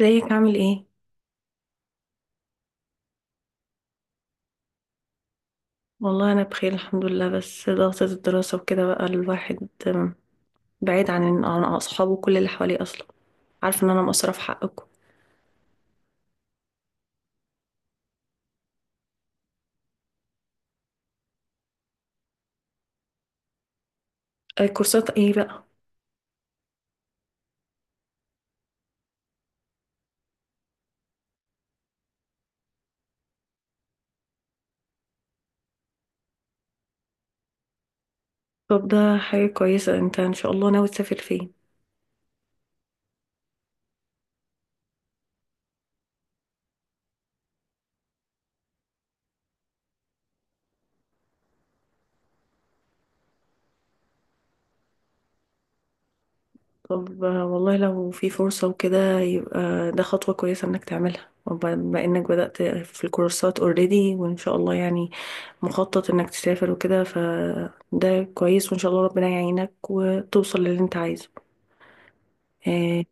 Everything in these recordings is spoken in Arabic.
ازيك، عامل ايه؟ والله انا بخير الحمد لله، بس ضغطة الدراسة وكده بقى الواحد بعيد عن اصحابه، كل اللي حواليه اصلا. عارفه ان انا مقصرة في حقكم. أي كورسات ايه بقى؟ طب ده حاجة كويسة، انت ان شاء الله ناوي تسافر فين؟ طب والله لو في فرصة وكده، يبقى ده خطوة كويسة انك تعملها، وبما انك بدأت في الكورسات اوريدي وان شاء الله يعني مخطط انك تسافر وكده، فده كويس، وان شاء الله ربنا يعينك وتوصل للي انت عايزه. آه،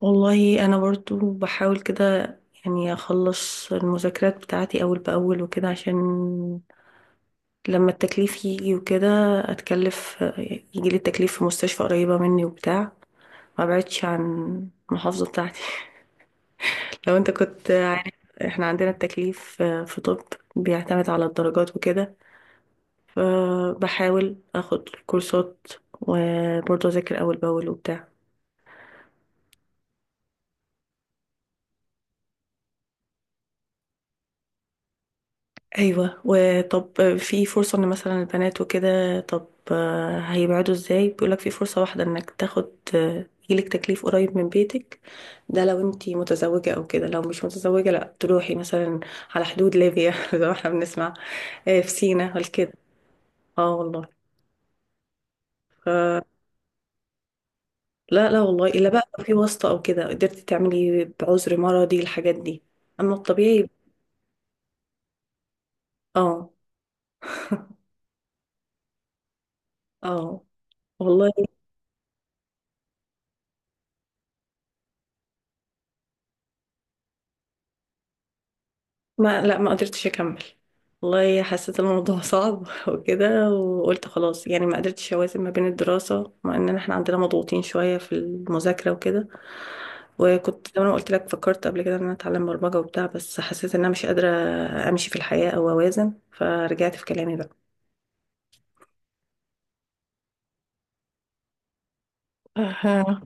والله انا برضو بحاول كده، يعني اخلص المذاكرات بتاعتي اول باول وكده، عشان لما التكليف يجي وكده اتكلف، يجي لي التكليف في مستشفى قريبة مني وبتاع، ما بعدش عن المحافظة بتاعتي. لو انت كنت عارف، احنا عندنا التكليف في طب بيعتمد على الدرجات وكده، فبحاول اخد كورسات وبرضه اذاكر اول باول وبتاع. ايوه، وطب في فرصة ان مثلا البنات وكده، طب هيبعدوا ازاي؟ بيقولك في فرصة واحدة انك تاخد يجيلك تكليف قريب من بيتك، ده لو انتي متزوجة او كده. لو مش متزوجة لا تروحي مثلا على حدود ليبيا زي ما احنا بنسمع، آه، في سينا وكده. اه والله. لا لا، والله الا بقى لو في واسطة او كده، قدرتي تعملي بعذر مرضي الحاجات دي، اما الطبيعي. اه. اه والله. ما لا، ما قدرتش اكمل. والله حسيت الموضوع صعب وكده، وقلت خلاص يعني، ما قدرتش اوازن ما بين الدراسة، مع ان احنا عندنا مضغوطين شوية في المذاكرة وكده. وكنت زي ما أنا قلت لك فكرت قبل كده ان انا اتعلم برمجة وبتاع، بس حسيت ان انا مش قادرة امشي في الحياة او اوازن، فرجعت في كلامي. بقى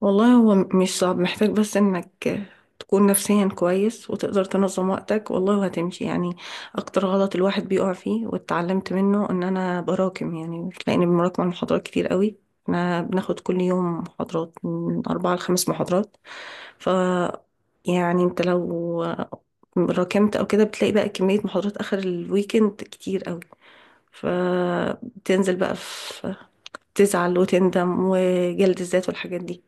والله هو مش صعب، محتاج بس انك تكون نفسيا كويس، وتقدر تنظم وقتك والله وهتمشي يعني. اكتر غلط الواحد بيقع فيه واتعلمت منه، ان انا براكم يعني، تلاقيني بمراكم على محاضرات كتير قوي. احنا بناخد كل يوم محاضرات، من اربعة لخمس محاضرات، ف يعني انت لو راكمت او كده، بتلاقي بقى كمية محاضرات اخر الويكند كتير قوي، فبتنزل بقى في، تزعل وتندم وجلد الذات والحاجات دي.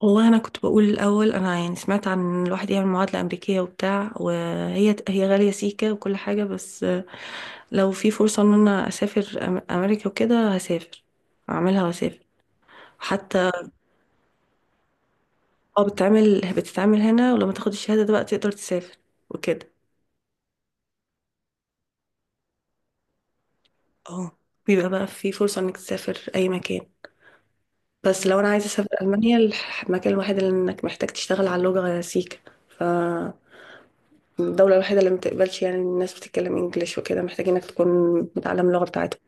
والله انا كنت بقول الاول، انا يعني سمعت عن إن الواحد يعمل معادله امريكيه وبتاع، وهي غاليه سيكه وكل حاجه، بس لو في فرصه ان انا اسافر امريكا وكده هسافر، اعملها واسافر حتى. اه بتتعمل هنا، ولما تاخد الشهاده ده بقى تقدر تسافر وكده. اه، بيبقى بقى في فرصه انك تسافر اي مكان، بس لو انا عايزه اسافر المانيا، المكان الوحيد اللي انك محتاج تشتغل على اللغه سيكه، ف الدولة الوحيدة اللي ما بتقبلش يعني إن الناس بتتكلم انجليش وكده، محتاجينك تكون متعلم اللغة بتاعتهم.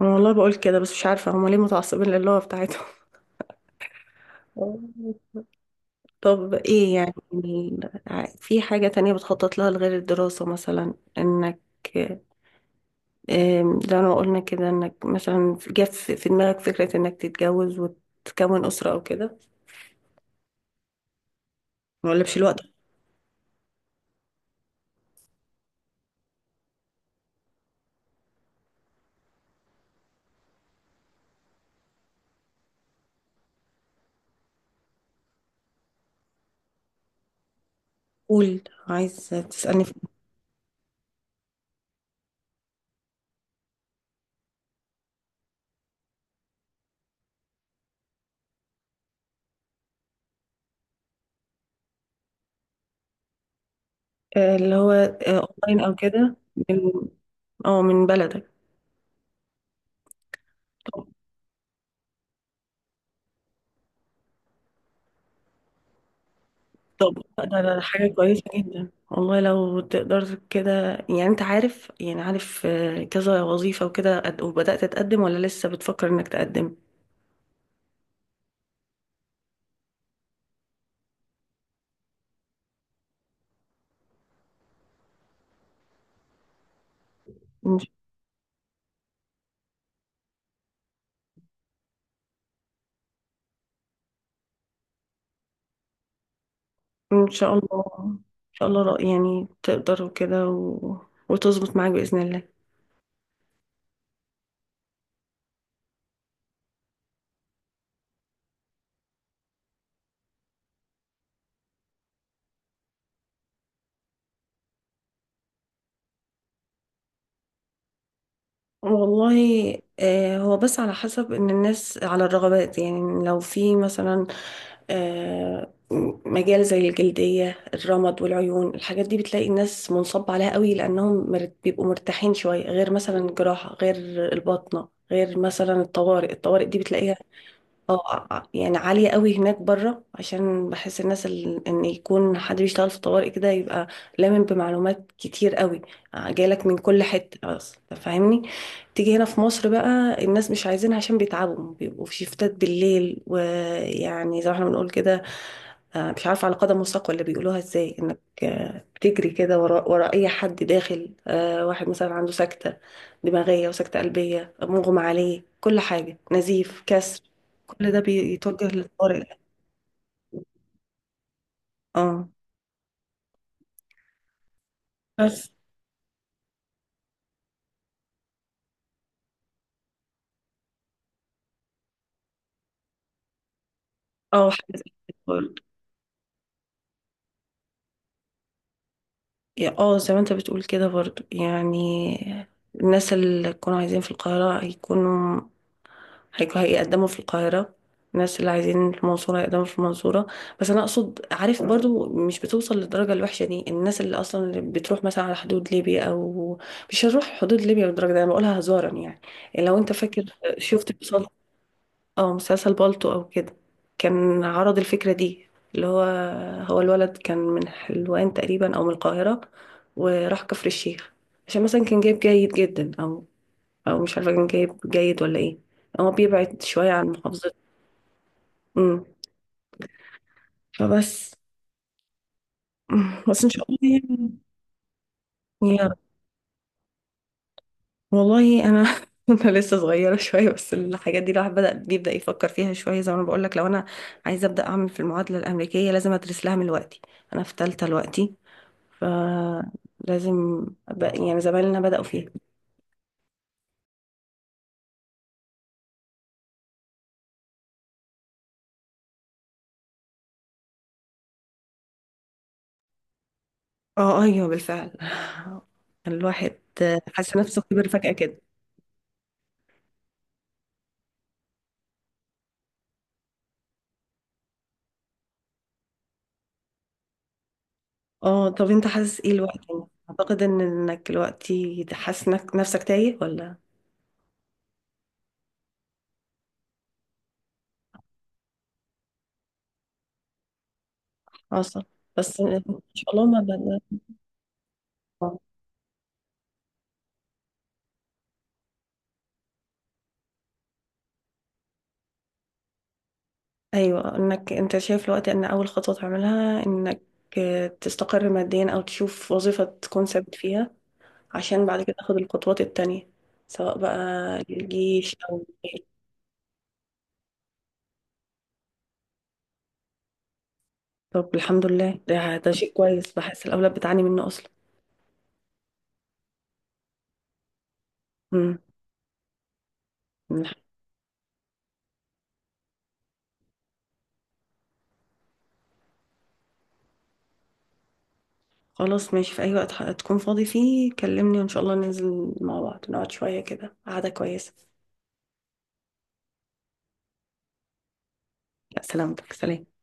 انا والله بقول كده، بس مش عارفة هما ليه متعصبين للغة بتاعتهم. طب ايه يعني؟ في حاجة تانية بتخطط لها لغير الدراسة؟ مثلا انك، زي ما قلنا كده، انك مثلا جت في دماغك فكرة انك تتجوز وتكون أسرة او كده، ما اقولكش الوقت. قول، عايز تسألني آه، اللي هو آه، اونلاين او كده، من، اه، من بلدك. طب ده ده حاجة كويسة جدا والله لو تقدر كده. يعني انت عارف يعني، عارف كذا وظيفة وكده، وبدأت تقدم ولا لسه بتفكر انك تقدم؟ ان ش- إن شاء الله، ان شاء الله يعني تقدر وكده وتظبط معاك بإذن الله. والله هو بس على حسب ان الناس على الرغبات، يعني لو في مثلا آه، مجال زي الجلدية، الرمد والعيون، الحاجات دي بتلاقي الناس منصب عليها قوي، لانهم بيبقوا مرتاحين شوية، غير مثلا الجراحة، غير الباطنة، غير مثلا الطوارئ. الطوارئ دي بتلاقيها، اه، يعني عالية قوي هناك بره، عشان بحس الناس ان يكون حد بيشتغل في طوارئ كده، يبقى لامن بمعلومات كتير قوي، جايلك من كل حتة اصلا فاهمني. تيجي هنا في مصر بقى، الناس مش عايزينها، عشان بيتعبوا، بيبقوا في شيفتات بالليل، ويعني زي ما احنا بنقول كده، مش عارفة، على قدم وساق ولا بيقولوها ازاي، انك بتجري كده وراء اي حد داخل، واحد مثلا عنده سكتة دماغية وسكتة قلبية، مغمى عليه، كل حاجة، نزيف، كسر، كل ده بيتوجه للطارئ. اه بس. اه، حاجة زي كده برضه. اه زي ما انت بتقول كده برضو يعني، الناس اللي يكونوا عايزين في القاهرة يكونوا هيقدموا في القاهرة، الناس اللي عايزين في المنصورة هيقدموا في المنصورة. بس أنا أقصد، عارف برضو مش بتوصل للدرجة الوحشة دي، الناس اللي أصلا اللي بتروح مثلا على حدود ليبيا، أو مش هنروح حدود ليبيا بالدرجة دي، أنا بقولها هزارا يعني، لو أنت فاكر شفت بصل- أو مسلسل بالطو أو كده، كان عرض الفكرة دي، اللي هو، هو الولد كان من حلوان تقريبا أو من القاهرة، وراح كفر الشيخ، عشان مثلا كان جايب جيد جدا، أو او مش عارفه كان جايب جيد ولا ايه، هو بيبعد شويه عن محافظته. امم فبس بس ان شاء الله يعني، يا رب. والله انا انا لسه صغيره شويه، بس الحاجات دي الواحد بدا بيبدا يفكر فيها شويه، زي ما انا بقول لك، لو انا عايزه ابدا اعمل في المعادله الامريكيه، لازم ادرس لها من دلوقتي. انا في ثالثه دلوقتي، فلازم أبقى، يعني زمايلنا بداوا فيها. اه ايوه بالفعل، الواحد حاسس نفسه كبر فجاه كده. اه، طب انت حاسس ايه الوقت يعني؟ اعتقد ان انك دلوقتي حاسس انك نفسك تايه ولا عصب؟ بس ان شاء الله آه. ايوه، انك انت شايف الوقت ان اول خطوه تعملها، انك تستقر ماديا، او تشوف وظيفه تكون ثابت فيها، عشان بعد كده تاخد الخطوات التانية، سواء بقى الجيش او غيره. طب الحمد لله، ده ده شيء كويس، بحس الاولاد بتعاني منه اصلا. امم. خلاص ماشي، في أي وقت تكون فاضي فيه كلمني، وإن شاء الله ننزل مع بعض نقعد شوية كده قعدة كويسة. لا، سلامتك، سلام.